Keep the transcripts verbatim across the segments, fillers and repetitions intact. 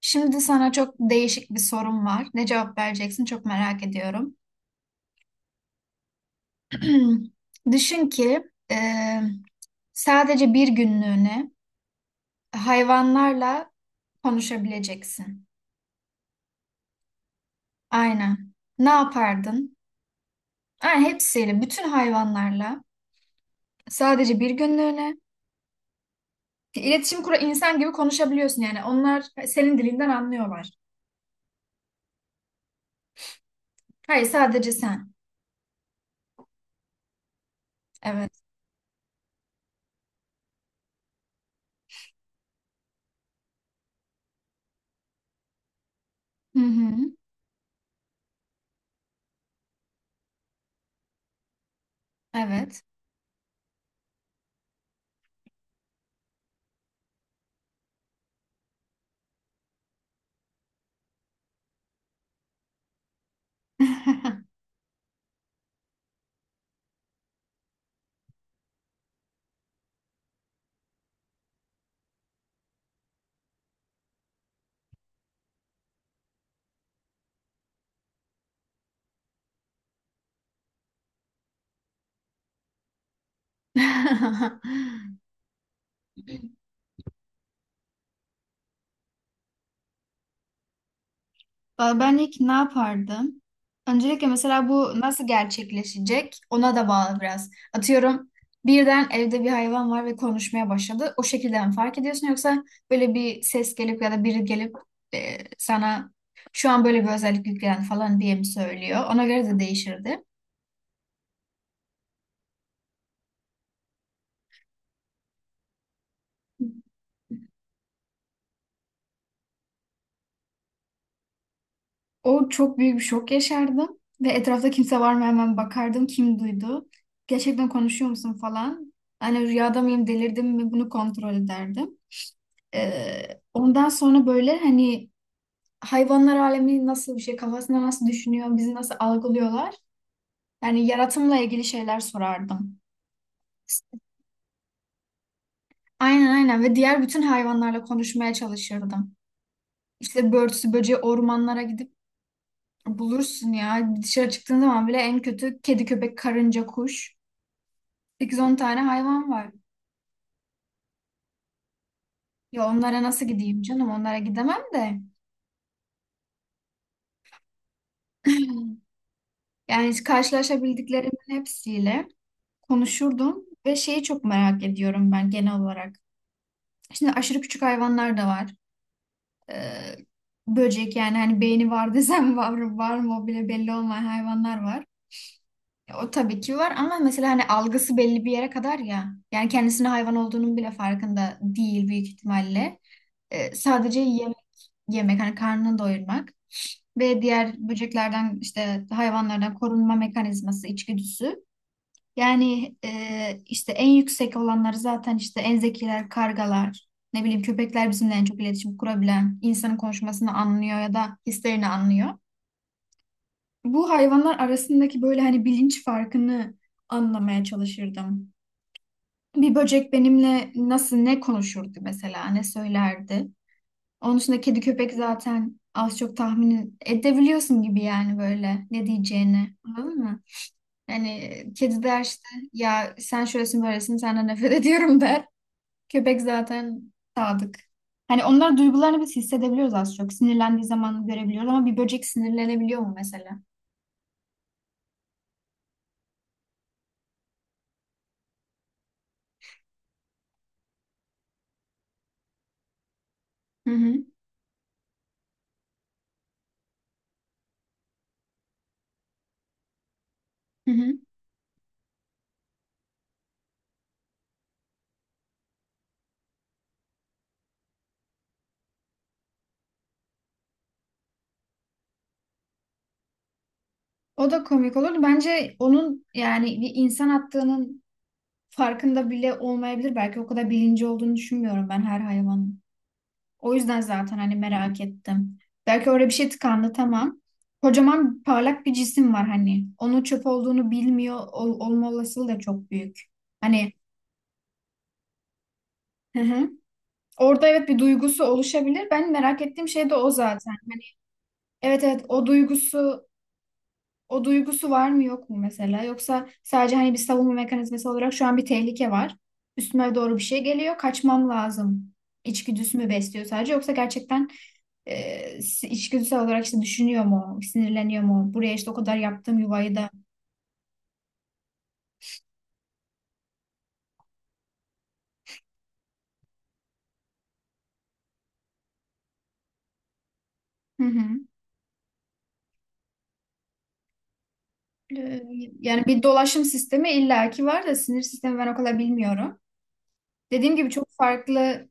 Şimdi sana çok değişik bir sorum var. Ne cevap vereceksin çok merak ediyorum. Düşün ki e, sadece bir günlüğüne hayvanlarla konuşabileceksin. Aynen. Ne yapardın? Aynen hepsiyle, bütün hayvanlarla sadece bir günlüğüne iletişim kura insan gibi konuşabiliyorsun yani. Onlar senin dilinden anlıyorlar. Hayır, sadece sen. Evet. Hı hı. Evet. Valla Ben ilk ne yapardım? Öncelikle mesela bu nasıl gerçekleşecek ona da bağlı biraz. Atıyorum birden evde bir hayvan var ve konuşmaya başladı. O şekilde mi fark ediyorsun, yoksa böyle bir ses gelip ya da biri gelip e, sana şu an böyle bir özellik yüklen falan diye mi söylüyor? Ona göre de değişirdi. O çok büyük bir şok yaşardım ve etrafta kimse var mı hemen bakardım kim duydu. Gerçekten konuşuyor musun falan. Hani rüyada mıyım, delirdim mi bunu kontrol ederdim. Ee, ondan sonra böyle hani hayvanlar alemi nasıl bir şey, kafasında nasıl düşünüyor, bizi nasıl algılıyorlar. Yani yaratımla ilgili şeyler sorardım. Aynen aynen, ve diğer bütün hayvanlarla konuşmaya çalışırdım. İşte börtüsü böceği ormanlara gidip bulursun ya. Dışarı çıktığın zaman bile en kötü kedi, köpek, karınca, kuş. sekiz on tane hayvan var. Ya onlara nasıl gideyim canım? Onlara gidemem de. Yani hiç karşılaşabildiklerim hepsiyle konuşurdum ve şeyi çok merak ediyorum ben genel olarak. Şimdi aşırı küçük hayvanlar da var. Ee, böcek yani hani beyni var desem var, var mı o bile belli olmayan hayvanlar var. Ya, O tabii ki var ama mesela hani algısı belli bir yere kadar ya. Yani kendisinin hayvan olduğunun bile farkında değil büyük ihtimalle. Ee, sadece yem- yemek hani karnını doyurmak ve diğer böceklerden işte hayvanlardan korunma mekanizması, içgüdüsü. Yani e, işte en yüksek olanları zaten işte en zekiler, kargalar, ne bileyim köpekler bizimle en çok iletişim kurabilen, insanın konuşmasını anlıyor ya da hislerini anlıyor. Bu hayvanlar arasındaki böyle hani bilinç farkını anlamaya çalışırdım. Bir böcek benimle nasıl, ne konuşurdu mesela, ne söylerdi. Onun dışında kedi köpek zaten az çok tahmin edebiliyorsun gibi yani, böyle ne diyeceğini. Anladın mı? Hani kedi der işte, ya sen şöylesin böylesin senden nefret ediyorum, der. Köpek zaten sadık. Hani onlar duygularını biz hissedebiliyoruz az çok. Sinirlendiği zaman görebiliyoruz, ama bir böcek sinirlenebiliyor mu mesela? Hı hı. Hı hı. O da komik olurdu. Bence onun yani bir insan attığının farkında bile olmayabilir. Belki o kadar bilinci olduğunu düşünmüyorum ben her hayvanın. O yüzden zaten hani merak ettim. Belki orada bir şey tıkandı tamam. Kocaman parlak bir cisim var hani. Onun çöp olduğunu bilmiyor ol- olma olasılığı da çok büyük. Hani hı hı. Orada evet bir duygusu oluşabilir. Ben merak ettiğim şey de o zaten. Hani evet evet, o duygusu O duygusu var mı yok mu mesela? Yoksa sadece hani bir savunma mekanizması olarak şu an bir tehlike var. Üstüme doğru bir şey geliyor. Kaçmam lazım. İçgüdüsü mü besliyor sadece? Yoksa gerçekten e, si- içgüdüsel olarak işte düşünüyor mu? Sinirleniyor mu? Buraya işte o kadar yaptığım yuvayı da. Hı hı. E, yani bir dolaşım sistemi illaki var da sinir sistemi ben o kadar bilmiyorum. Dediğim gibi çok farklı,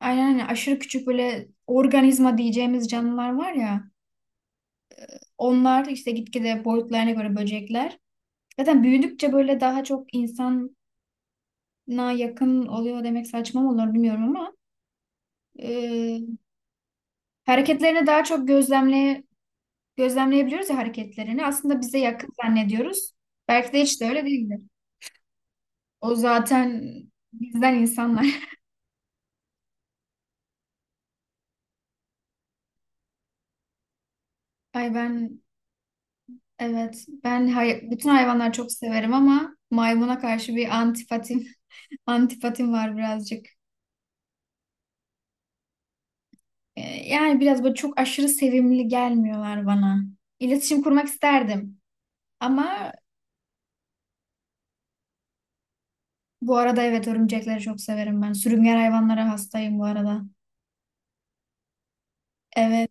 aynen hani aşırı küçük böyle organizma diyeceğimiz canlılar var ya. Onlar işte gitgide boyutlarına göre böcekler. Zaten büyüdükçe böyle daha çok insana yakın oluyor demek saçma mı olur bilmiyorum ama e, hareketlerini daha çok gözlemle gözlemleyebiliyoruz ya hareketlerini. Aslında bize yakın zannediyoruz. Belki de hiç de öyle değildir. O zaten bizden insanlar. Ay ben, evet ben hay- bütün hayvanları çok severim ama maymuna karşı bir antipatim, antipatim var birazcık. E, yani biraz böyle çok aşırı sevimli gelmiyorlar bana. İletişim kurmak isterdim. Ama Bu arada evet, örümcekleri çok severim ben. Sürüngen hayvanlara hastayım bu arada. Evet,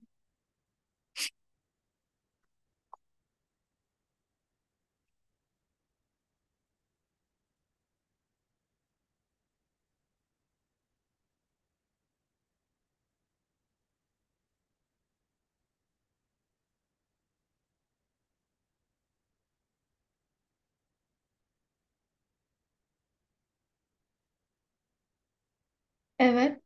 evet.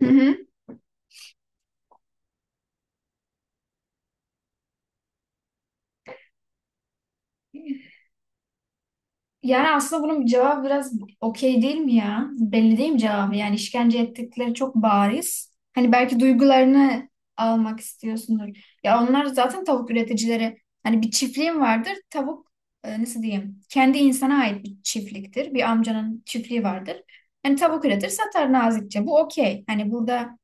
Hı hı. Yani aslında bunun cevabı biraz okey değil mi ya? Belli değil mi cevabı? Yani işkence ettikleri çok bariz. Hani belki duygularını almak istiyorsundur. Ya onlar zaten tavuk üreticileri. Hani bir çiftliğim vardır. Tavuk, e, nasıl diyeyim? Kendi insana ait bir çiftliktir. Bir amcanın çiftliği vardır. Hani tavuk üretir satar nazikçe. Bu okey. Hani burada,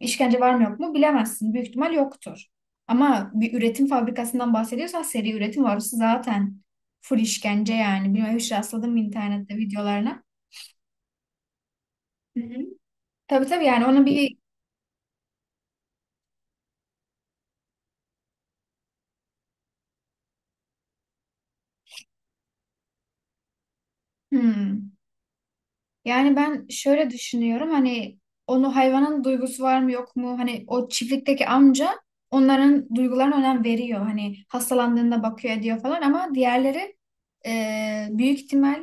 İşkence var mı yok mu bilemezsin. Büyük ihtimal yoktur. Ama bir üretim fabrikasından bahsediyorsan seri üretim var. Orası zaten full işkence yani. Bilmiyorum hiç rastladım mı internette videolarına. Hı hı. Tabii tabii, yani onu bir, Hmm. yani ben şöyle düşünüyorum hani onu, hayvanın duygusu var mı yok mu, hani o çiftlikteki amca onların duygularına önem veriyor hani hastalandığında bakıyor ediyor falan, ama diğerleri e, büyük ihtimal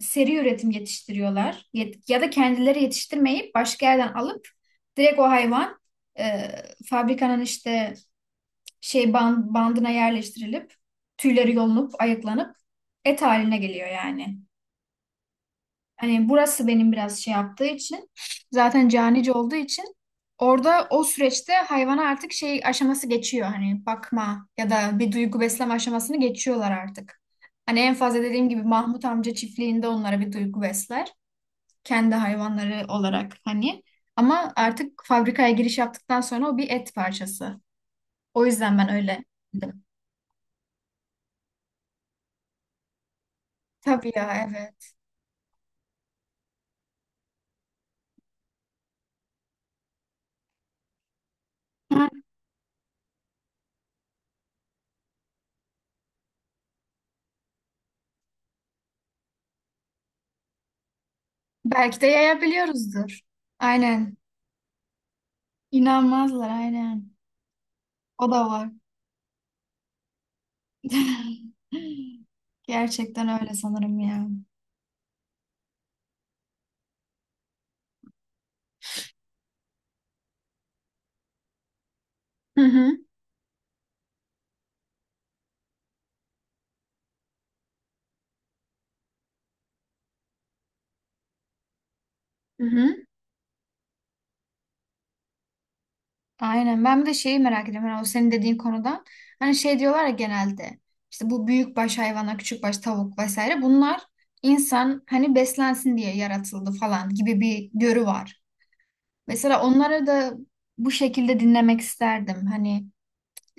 seri üretim yetiştiriyorlar, Yet- ya da kendileri yetiştirmeyip başka yerden alıp direkt o hayvan e, fabrikanın işte şey ban- bandına yerleştirilip tüyleri yolunup ayıklanıp et haline geliyor yani. Hani burası benim biraz şey yaptığı için, zaten canice olduğu için, orada o süreçte hayvana artık şey aşaması geçiyor, hani bakma ya da bir duygu besleme aşamasını geçiyorlar artık. Hani en fazla dediğim gibi Mahmut amca çiftliğinde onlara bir duygu besler, kendi hayvanları olarak hani. Ama artık fabrikaya giriş yaptıktan sonra o bir et parçası. O yüzden ben öyle dedim. Tabii ya, evet. Ha, Belki de yayabiliyoruzdur. Aynen. İnanmazlar aynen. O da var. Gerçekten öyle sanırım ya. Hı hı. Hı hı. Aynen. Ben bir de şeyi merak ediyorum. Yani o senin dediğin konudan. Hani şey diyorlar ya genelde. İşte bu büyükbaş hayvanlar, küçükbaş tavuk vesaire. Bunlar insan hani beslensin diye yaratıldı falan gibi bir görü var. Mesela onları da bu şekilde dinlemek isterdim. Hani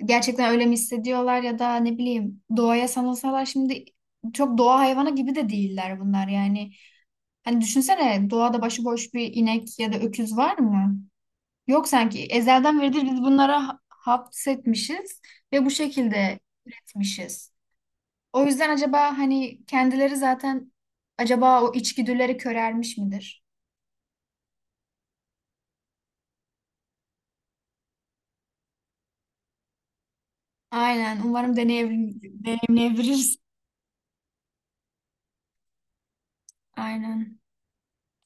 gerçekten öyle mi hissediyorlar, ya da ne bileyim, doğaya sanılsalar şimdi çok doğa hayvanı gibi de değiller bunlar yani. Hani düşünsene, doğada başıboş bir inek ya da öküz var mı? Yok, sanki ezelden beridir biz bunlara ha- hapsetmişiz ve bu şekilde üretmişiz. O yüzden acaba hani kendileri zaten, acaba o içgüdüleri körelmiş midir? Aynen, umarım deneyimleyebiliriz. Aynen.